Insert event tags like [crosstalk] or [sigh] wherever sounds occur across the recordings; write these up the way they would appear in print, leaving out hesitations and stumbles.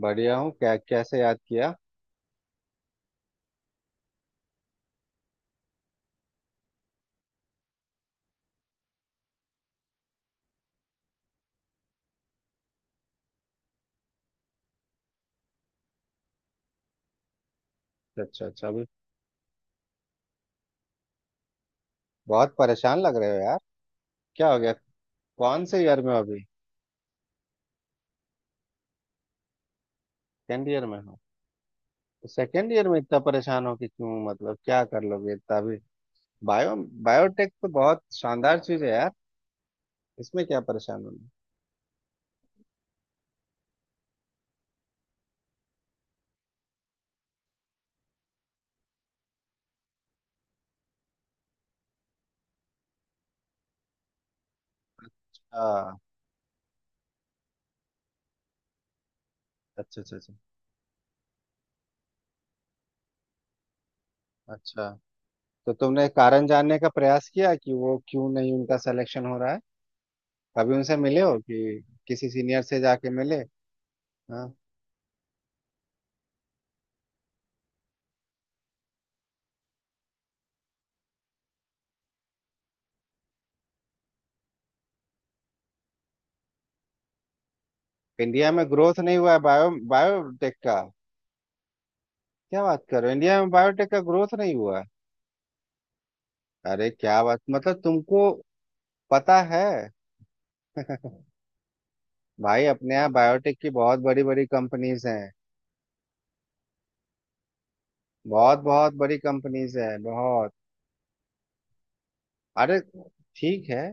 बढ़िया हूँ क्या कैसे याद किया। अच्छा अच्छा अभी बहुत परेशान लग रहे हो यार। क्या हो गया। कौन से ईयर में हो अभी। सेकेंड ईयर में हो। तो सेकेंड ईयर में इतना परेशान हो कि क्यों मतलब क्या कर लोगे इतना अभी। बायो बायोटेक तो बहुत शानदार चीज है यार। इसमें क्या परेशान होना। हाँ। अच्छा अच्छा अच्छा। अच्छा तो तुमने कारण जानने का प्रयास किया कि वो क्यों नहीं उनका सिलेक्शन हो रहा है। कभी उनसे मिले हो कि किसी सीनियर से जाके मिले। हाँ। इंडिया में ग्रोथ नहीं हुआ है बायोटेक का। क्या बात कर रहे हो इंडिया में बायोटेक का ग्रोथ नहीं हुआ है। अरे क्या बात मतलब तुमको पता है। भाई अपने यहाँ बायोटेक की बहुत बड़ी बड़ी कंपनीज हैं। बहुत बहुत बड़ी कंपनीज हैं बहुत। अरे ठीक है।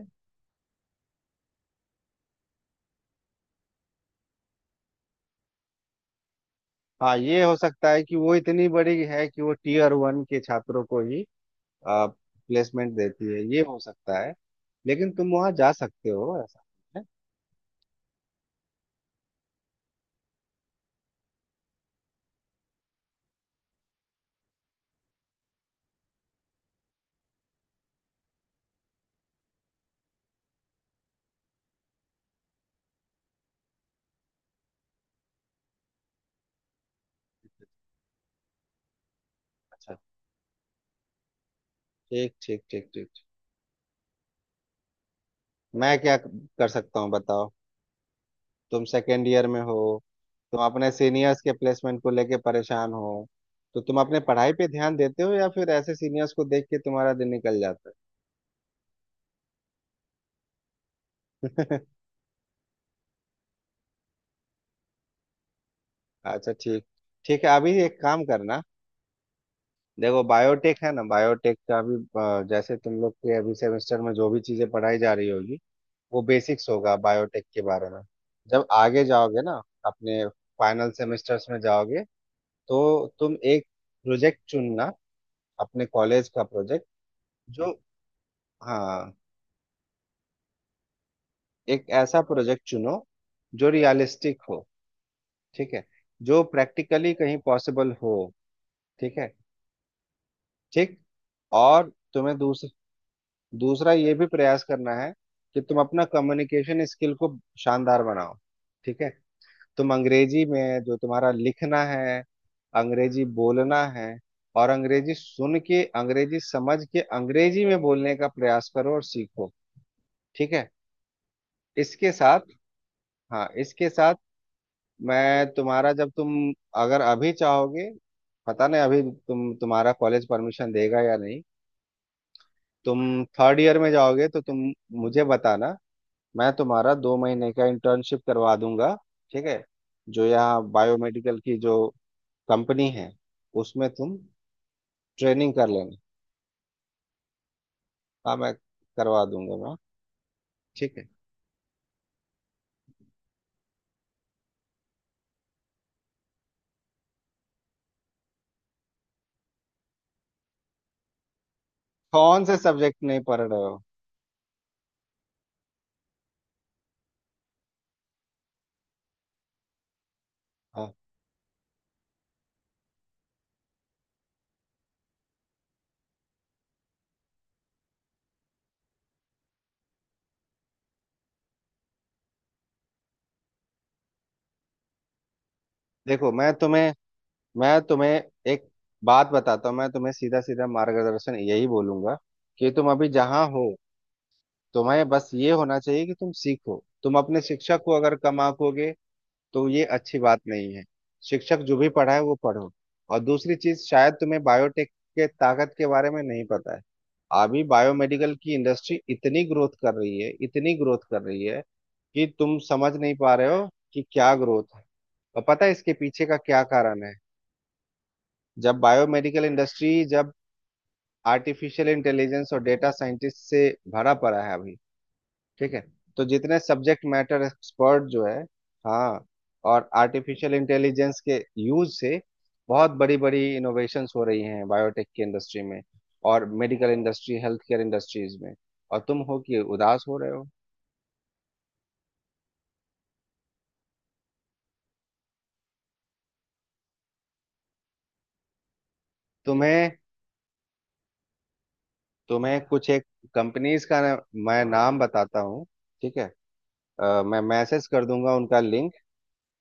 हाँ ये हो सकता है कि वो इतनी बड़ी है कि वो टीयर वन के छात्रों को ही प्लेसमेंट देती है ये हो सकता है लेकिन तुम वहां जा सकते हो ऐसा है। अच्छा। ठीक ठीक ठीक ठीक। मैं क्या कर सकता हूँ बताओ। तुम सेकेंड ईयर में हो। तुम अपने सीनियर्स के प्लेसमेंट को लेके परेशान हो। तो तुम अपने पढ़ाई पे ध्यान देते हो या फिर ऐसे सीनियर्स को देख के तुम्हारा दिन निकल जाता है। [laughs] अच्छा ठीक। ठीक है अभी एक काम करना। देखो बायोटेक है ना बायोटेक का अभी जैसे तुम लोग के अभी सेमेस्टर में जो भी चीजें पढ़ाई जा रही होगी वो बेसिक्स होगा बायोटेक के बारे में। जब आगे जाओगे ना अपने फाइनल सेमेस्टर्स में जाओगे तो तुम एक प्रोजेक्ट चुनना अपने कॉलेज का प्रोजेक्ट जो हाँ एक ऐसा प्रोजेक्ट चुनो जो रियलिस्टिक हो। ठीक है। जो प्रैक्टिकली कहीं पॉसिबल हो। ठीक है ठीक। और तुम्हें दूसरा दूसरा ये भी प्रयास करना है कि तुम अपना कम्युनिकेशन स्किल को शानदार बनाओ। ठीक है। तुम अंग्रेजी में जो तुम्हारा लिखना है अंग्रेजी बोलना है और अंग्रेजी सुन के अंग्रेजी समझ के अंग्रेजी में बोलने का प्रयास करो और सीखो। ठीक है। इसके साथ हाँ इसके साथ मैं तुम्हारा जब तुम अगर अभी चाहोगे पता नहीं अभी तुम्हारा कॉलेज परमिशन देगा या नहीं। तुम थर्ड ईयर में जाओगे तो तुम मुझे बताना। मैं तुम्हारा 2 महीने का इंटर्नशिप करवा दूंगा। ठीक है। जो यहाँ बायोमेडिकल की जो कंपनी है उसमें तुम ट्रेनिंग कर लेना। हाँ मैं करवा दूंगा मैं। ठीक है। कौन से सब्जेक्ट नहीं पढ़ रहे हो। हाँ। देखो मैं तुम्हें एक बात बताता हूँ। मैं तुम्हें सीधा सीधा मार्गदर्शन यही बोलूंगा कि तुम अभी जहाँ हो। तुम्हें बस ये होना चाहिए कि तुम सीखो तुम अपने शिक्षक को अगर कम आंकोगे तो ये अच्छी बात नहीं है। शिक्षक जो भी पढ़ाए वो पढ़ो। और दूसरी चीज शायद तुम्हें बायोटेक के ताकत के बारे में नहीं पता है। अभी बायोमेडिकल की इंडस्ट्री इतनी ग्रोथ कर रही है इतनी ग्रोथ कर रही है कि तुम समझ नहीं पा रहे हो कि क्या ग्रोथ है। और पता है इसके पीछे का क्या कारण है। जब बायोमेडिकल इंडस्ट्री जब आर्टिफिशियल इंटेलिजेंस और डेटा साइंटिस्ट से भरा पड़ा है अभी। ठीक है। तो जितने सब्जेक्ट मैटर एक्सपर्ट जो है हाँ और आर्टिफिशियल इंटेलिजेंस के यूज से बहुत बड़ी बड़ी इनोवेशंस हो रही हैं बायोटेक की इंडस्ट्री में। और medical industry health care industries में। और तुम हो कि उदास हो रहे हो। तुम्हें तुम्हें कुछ एक कंपनीज का ना- मैं नाम बताता हूँ। ठीक है। मैं मैसेज कर दूंगा उनका लिंक।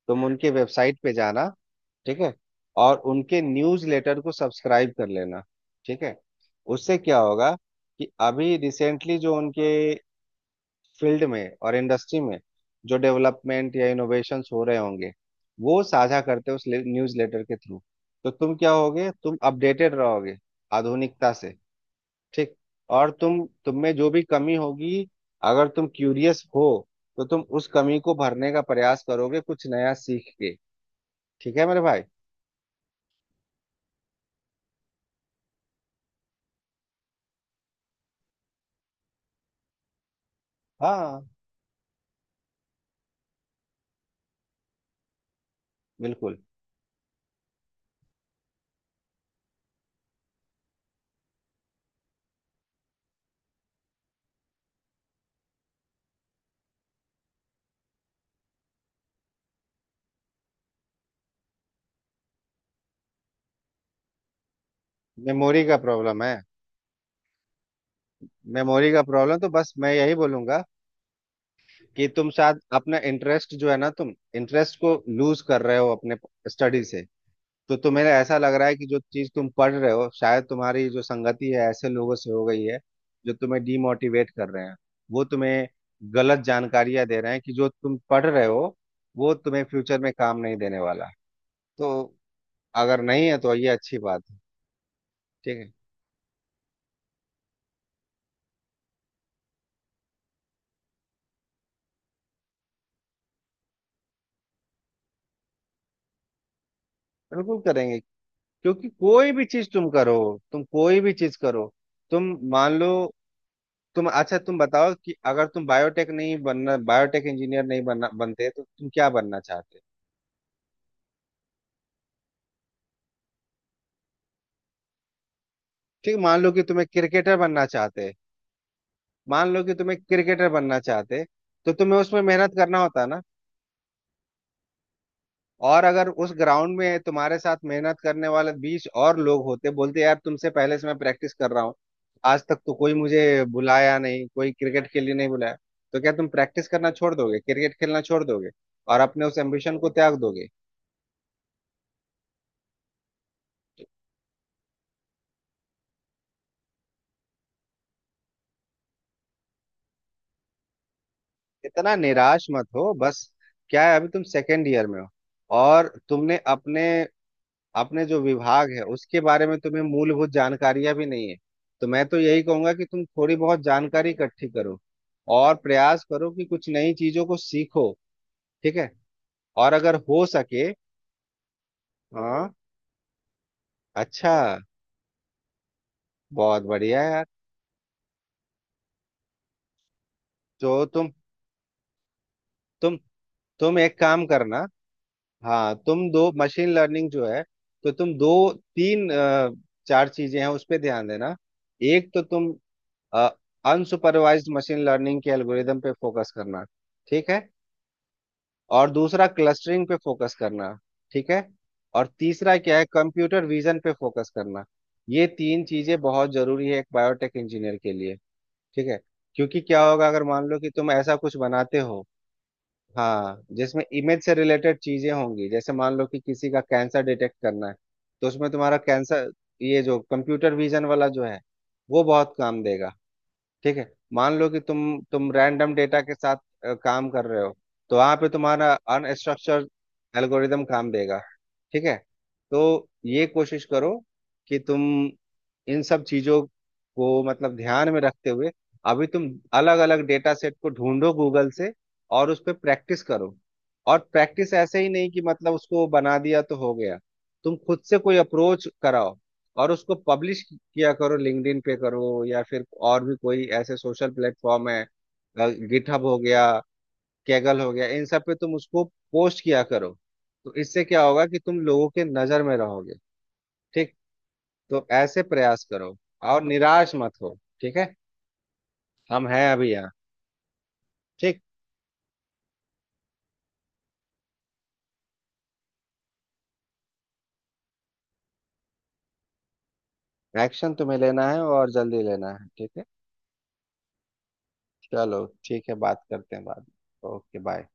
तुम उनके वेबसाइट पे जाना। ठीक है। और उनके न्यूज लेटर को सब्सक्राइब कर लेना। ठीक है। उससे क्या होगा कि अभी रिसेंटली जो उनके फील्ड में और इंडस्ट्री में जो डेवलपमेंट या इनोवेशंस हो रहे होंगे वो साझा करते हैं उस न्यूज लेटर के थ्रू। तो तुम क्या होगे तुम अपडेटेड रहोगे आधुनिकता से। ठीक। और तुम में जो भी कमी होगी अगर तुम क्यूरियस हो तो तुम उस कमी को भरने का प्रयास करोगे कुछ नया सीख के। ठीक है मेरे भाई। हाँ बिल्कुल। मेमोरी का प्रॉब्लम है। मेमोरी का प्रॉब्लम तो बस मैं यही बोलूंगा कि तुम शायद अपना इंटरेस्ट जो है ना तुम इंटरेस्ट को लूज कर रहे हो अपने स्टडी से। तो तुम्हें ऐसा लग रहा है कि जो चीज तुम पढ़ रहे हो शायद तुम्हारी जो संगति है ऐसे लोगों से हो गई है जो तुम्हें डीमोटिवेट कर रहे हैं। वो तुम्हें गलत जानकारियां दे रहे हैं कि जो तुम पढ़ रहे हो वो तुम्हें फ्यूचर में काम नहीं देने वाला। तो अगर नहीं है तो ये अच्छी बात है। ठीक है। बिल्कुल करेंगे। क्योंकि कोई भी चीज तुम करो तुम कोई भी चीज करो तुम मान लो। तुम अच्छा तुम बताओ कि अगर तुम बायोटेक नहीं बनना बायोटेक इंजीनियर नहीं बनना बनते तो तुम क्या बनना चाहते। ठीक। मान लो कि तुम्हें क्रिकेटर बनना चाहते। तो तुम्हें उसमें मेहनत करना होता ना। और अगर उस ग्राउंड में तुम्हारे साथ मेहनत करने वाले 20 और लोग होते बोलते यार तुमसे पहले से मैं प्रैक्टिस कर रहा हूँ। आज तक तो कोई मुझे बुलाया नहीं कोई क्रिकेट के लिए नहीं बुलाया। तो क्या तुम प्रैक्टिस करना छोड़ दोगे क्रिकेट खेलना छोड़ दोगे और अपने उस एम्बिशन को त्याग दोगे। तो इतना निराश मत हो बस। क्या है अभी तुम सेकेंड ईयर में हो। और तुमने अपने अपने जो विभाग है उसके बारे में तुम्हें मूलभूत जानकारियां भी नहीं है। तो मैं तो यही कहूंगा कि तुम थोड़ी बहुत जानकारी इकट्ठी करो और प्रयास करो कि कुछ नई चीजों को सीखो। ठीक है। और अगर हो सके हाँ अच्छा बहुत बढ़िया यार। जो तुम तुम एक काम करना। हाँ तुम दो मशीन लर्निंग जो है तो तुम दो तीन चार चीजें हैं उस पे ध्यान देना। एक तो तुम अनसुपरवाइज्ड मशीन लर्निंग के एल्गोरिदम पे फोकस करना। ठीक है। और दूसरा क्लस्टरिंग पे फोकस करना। ठीक है। और तीसरा क्या है कंप्यूटर विजन पे फोकस करना। ये तीन चीजें बहुत जरूरी है एक बायोटेक इंजीनियर के लिए। ठीक है। क्योंकि क्या होगा अगर मान लो कि तुम ऐसा कुछ बनाते हो हाँ जिसमें इमेज से रिलेटेड चीजें होंगी जैसे मान लो कि किसी का कैंसर डिटेक्ट करना है। तो उसमें तुम्हारा कैंसर ये जो कंप्यूटर विजन वाला जो है वो बहुत काम देगा। ठीक है। मान लो कि तुम रैंडम डेटा के साथ काम कर रहे हो। तो वहां पे तुम्हारा अनस्ट्रक्चर्ड एल्गोरिदम काम देगा। ठीक है। तो ये कोशिश करो कि तुम इन सब चीजों को मतलब ध्यान में रखते हुए अभी तुम अलग अलग डेटा सेट को ढूंढो गूगल से और उस पर प्रैक्टिस करो। और प्रैक्टिस ऐसे ही नहीं कि मतलब उसको बना दिया तो हो गया। तुम खुद से कोई अप्रोच कराओ और उसको पब्लिश किया करो लिंक्डइन पे करो या फिर और भी कोई ऐसे सोशल प्लेटफॉर्म है। गिटहब हो गया कैगल हो गया इन सब पे तुम उसको पोस्ट किया करो। तो इससे क्या होगा कि तुम लोगों के नजर में रहोगे। ठीक। तो ऐसे प्रयास करो और निराश मत हो। ठीक है। हम हैं अभी यहाँ। ठीक। एक्शन तुम्हें लेना है और जल्दी लेना है। ठीक है। चलो ठीक है बात करते हैं बाद में ओके बाय।